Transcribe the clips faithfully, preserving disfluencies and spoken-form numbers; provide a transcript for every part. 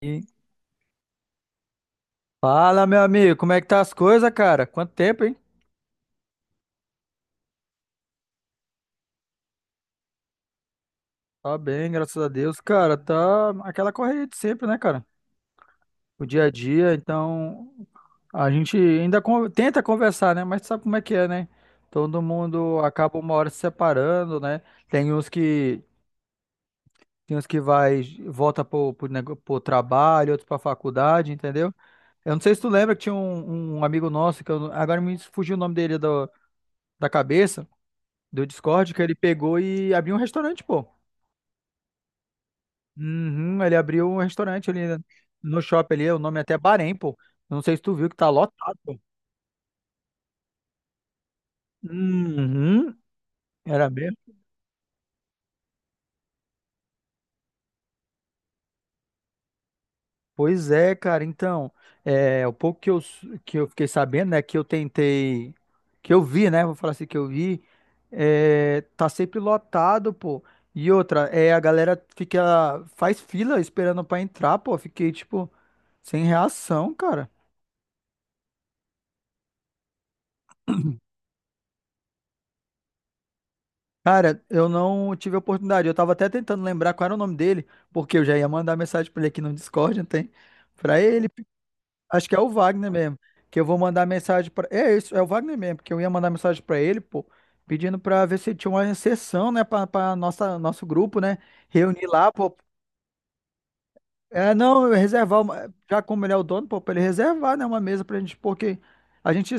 E Fala, meu amigo, como é que tá as coisas, cara? Quanto tempo, hein? Tá bem, graças a Deus, cara. Tá aquela correria de sempre, né, cara? O dia a dia, então a gente ainda con- tenta conversar, né? Mas sabe como é que é, né? Todo mundo acaba uma hora se separando, né? Tem uns que tem uns que vai volta pro, pro, nego- pro trabalho, outros pra faculdade, entendeu? Eu não sei se tu lembra que tinha um, um amigo nosso que eu, agora me fugiu o nome dele do- da cabeça. Do Discord que ele pegou e abriu um restaurante, pô. Uhum, ele abriu um restaurante ali no shopping ali, o nome é até Bahrein, pô. Não sei se tu viu que tá lotado, pô. Uhum, era mesmo? Pois é, cara. Então, é, o pouco que eu, s- que eu fiquei sabendo, né, que eu tentei, que eu vi, né, vou falar assim, que eu vi, é, tá sempre lotado, pô. E outra, é, a galera fica, faz fila esperando pra entrar, pô. Fiquei, tipo, sem reação, cara. Cara, eu não tive a oportunidade. Eu tava até tentando lembrar qual era o nome dele, porque eu já ia mandar mensagem pra ele aqui no Discord, não tem? Pra ele, acho que é o Wagner mesmo, que eu vou mandar mensagem pra. É isso, é o Wagner mesmo, porque eu ia mandar mensagem pra ele, pô, pedindo pra ver se tinha uma sessão, né, pra, pra nossa nosso grupo, né, reunir lá, pô, é, não, eu reservar, uma- já como ele é o dono, pô, pra ele reservar, né, uma mesa pra gente, porque a gente,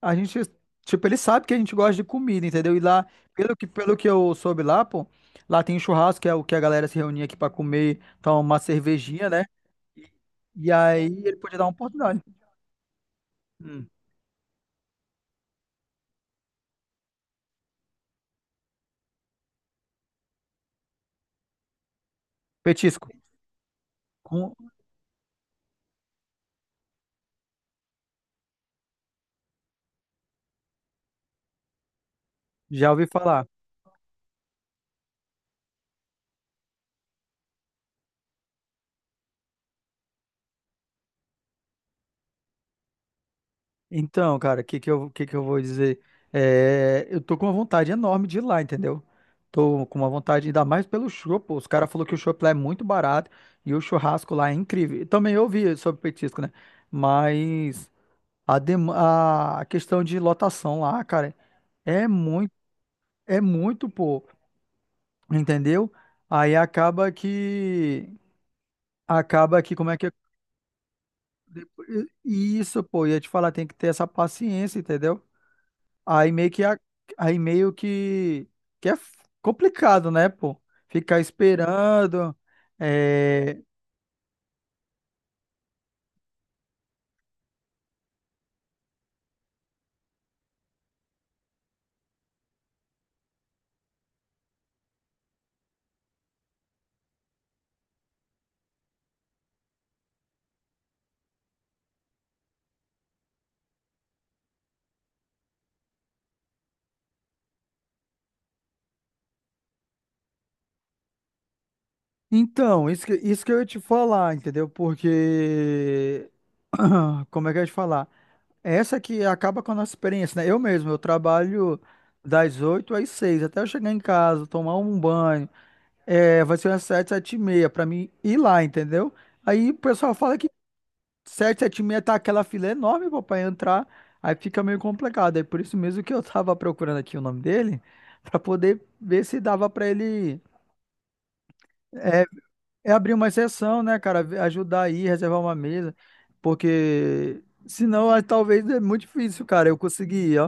a gente, tipo, ele sabe que a gente gosta de comida, entendeu? E lá, pelo que, pelo que eu soube lá, pô, lá tem um churrasco, que é o que a galera se reunia aqui pra comer, tomar uma cervejinha, né? E aí ele podia dar uma oportunidade. Hum, petisco, Com- já ouvi falar. Então, cara, o que que eu, que que eu vou dizer? É, eu tô com uma vontade enorme de ir lá, entendeu? Tô com uma vontade, ainda mais pelo chopp. Os caras falaram que o chopp lá é muito barato e o churrasco lá é incrível. E também eu ouvi sobre petisco, né? Mas a, dem- a questão de lotação lá, cara, é muito, é muito, pô, entendeu? Aí acaba que, acaba que, como é que é? Isso, pô, ia te falar, tem que ter essa paciência, entendeu? Aí meio que a- aí meio que, que é f- complicado, né, pô? Ficar esperando. É. Então, isso que, isso que eu ia te falar, entendeu? Porque. Como é que eu ia te falar? Essa que acaba com a nossa experiência, né? Eu mesmo, eu trabalho das oito às seis até eu chegar em casa, tomar um banho. É, vai ser umas sete sete e meia pra mim ir lá, entendeu? Aí o pessoal fala que. sete sete seis tá aquela fila enorme, pô, pra entrar. Aí fica meio complicado. É por isso mesmo que eu tava procurando aqui o nome dele, pra poder ver se dava pra ele é, é abrir uma exceção, né, cara? Ver- Ajudar aí, reservar uma mesa. Porque senão ah, talvez é muito difícil, cara, eu conseguir.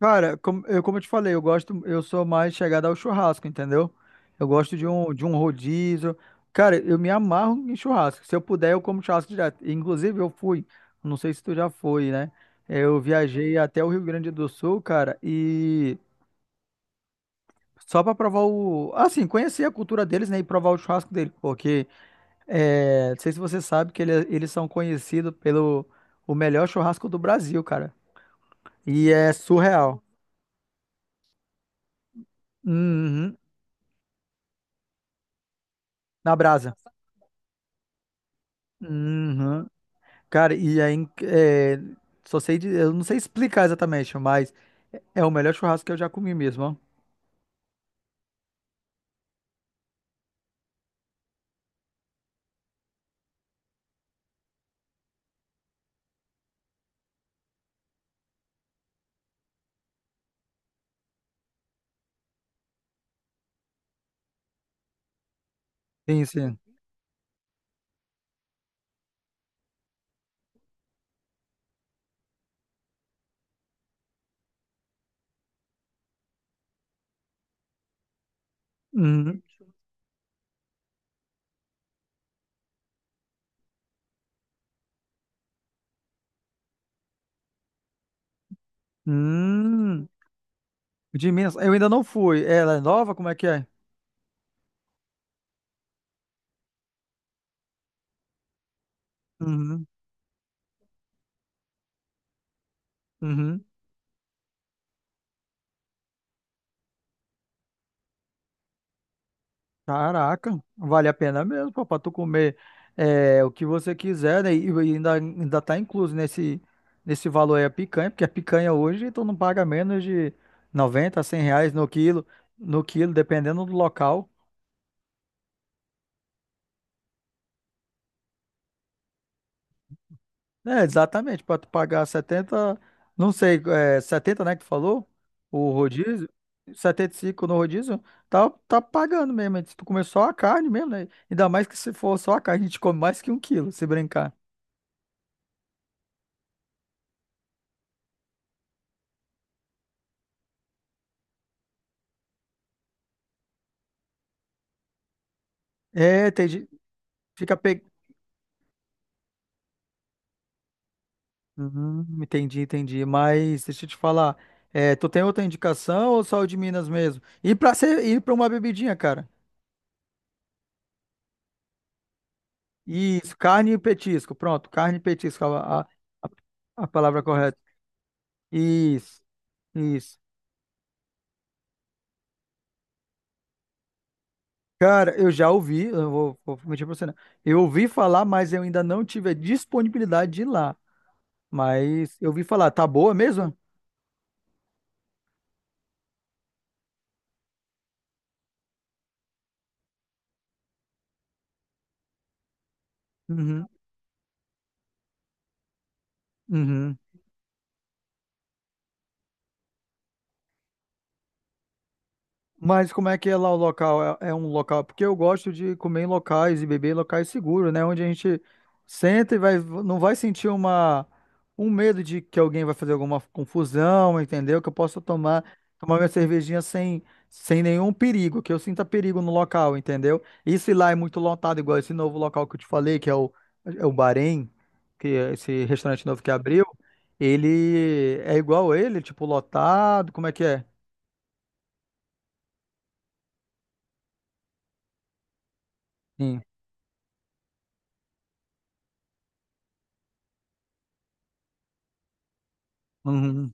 Cara, como eu, como eu te falei, eu gosto, eu sou mais chegada ao churrasco, entendeu? Eu gosto de um, de um rodízio. Cara, eu me amarro em churrasco. Se eu puder, eu como churrasco direto. Inclusive, eu fui, não sei se tu já foi, né? Eu viajei até o Rio Grande do Sul, cara, e só pra provar o. Assim, conhecer a cultura deles, né? E provar o churrasco deles, porque é, não sei se você sabe que ele- eles são conhecidos pelo o melhor churrasco do Brasil, cara. E é surreal. Uhum, na brasa. Uhum. Cara, e aí, é, só sei, de- eu não sei explicar exatamente, mas é o melhor churrasco que eu já comi mesmo, ó. Sim, sim. Uhum. Hum, de Minas, eu ainda não fui. Ela é nova? Como é que é? Uhum. Uhum. Caraca, vale a pena mesmo, pô, pra tu comer é, o que você quiser, né? E e ainda, ainda tá incluso nesse, nesse valor aí a picanha, porque a picanha hoje tu não paga menos de noventa, cem reais no quilo, no quilo, dependendo do local. É, exatamente, para tu pagar setenta não sei, é, setenta, né, que tu falou? O rodízio, setenta e cinco no rodízio, tá, tá pagando mesmo. Se tu comer só a carne mesmo, né? Ainda mais que se for só a carne, a gente come mais que um quilo, se brincar. É, entendi. Fica pe... Uhum, entendi, entendi. Mas deixa eu te falar, é, tu tem outra indicação ou só o de Minas mesmo? E para ser, ir para uma bebidinha, cara. Isso, carne e petisco. Pronto, carne e petisco, a, a, a palavra correta. Isso. Isso. Cara, eu já ouvi, eu não vou, vou mentir pra você, não. Eu ouvi falar, mas eu ainda não tive a disponibilidade de ir lá. Mas eu ouvi falar, tá boa mesmo? Uhum, uhum. Mas como é que é lá o local? É, é um local? Porque eu gosto de comer em locais e beber em locais seguros, né? Onde a gente senta e vai, não vai sentir uma, um medo de que alguém vai fazer alguma confusão, entendeu? Que eu possa tomar, tomar minha cervejinha sem, sem nenhum perigo, que eu sinta perigo no local, entendeu? E se lá é muito lotado, igual esse novo local que eu te falei, que é o, é o Bahrein, que é esse restaurante novo que abriu, ele é igual ele, tipo, lotado, como é que é? Sim. Uhum.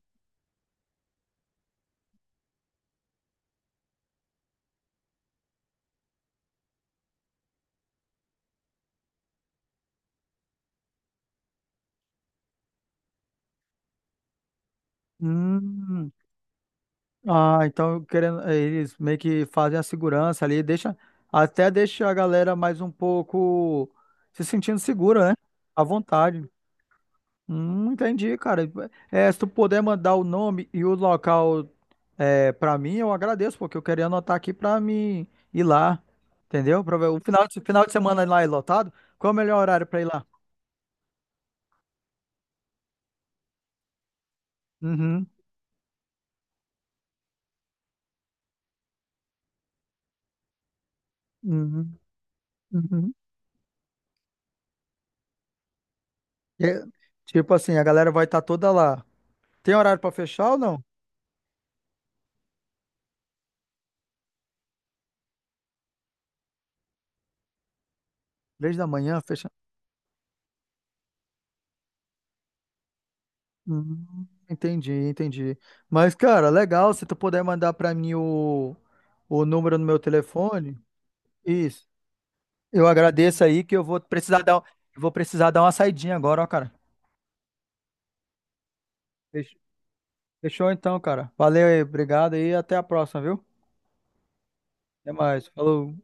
Hum, ah, então querendo, eh, eles meio que fazem a segurança ali, deixa, até deixa a galera mais um pouco se sentindo segura, né? À vontade. Hum, entendi, cara. É, se tu puder mandar o nome e o local é, para mim, eu agradeço, porque eu queria anotar aqui pra mim ir lá, entendeu? Pra ver o final de, final de semana lá é lotado, qual é o melhor horário pra ir lá? Uhum, uhum, uhum. É, tipo assim, a galera vai estar toda lá. Tem horário pra fechar ou não? Três da manhã, fecha. Hum, entendi, entendi. Mas, cara, legal, se tu puder mandar pra mim o, o número no meu telefone. Isso. Eu agradeço aí que eu vou precisar dar, eu vou precisar dar uma saidinha agora, ó, cara. Fech- Fechou então, cara. Valeu aí, obrigado aí, até a próxima, viu? Até mais. Falou.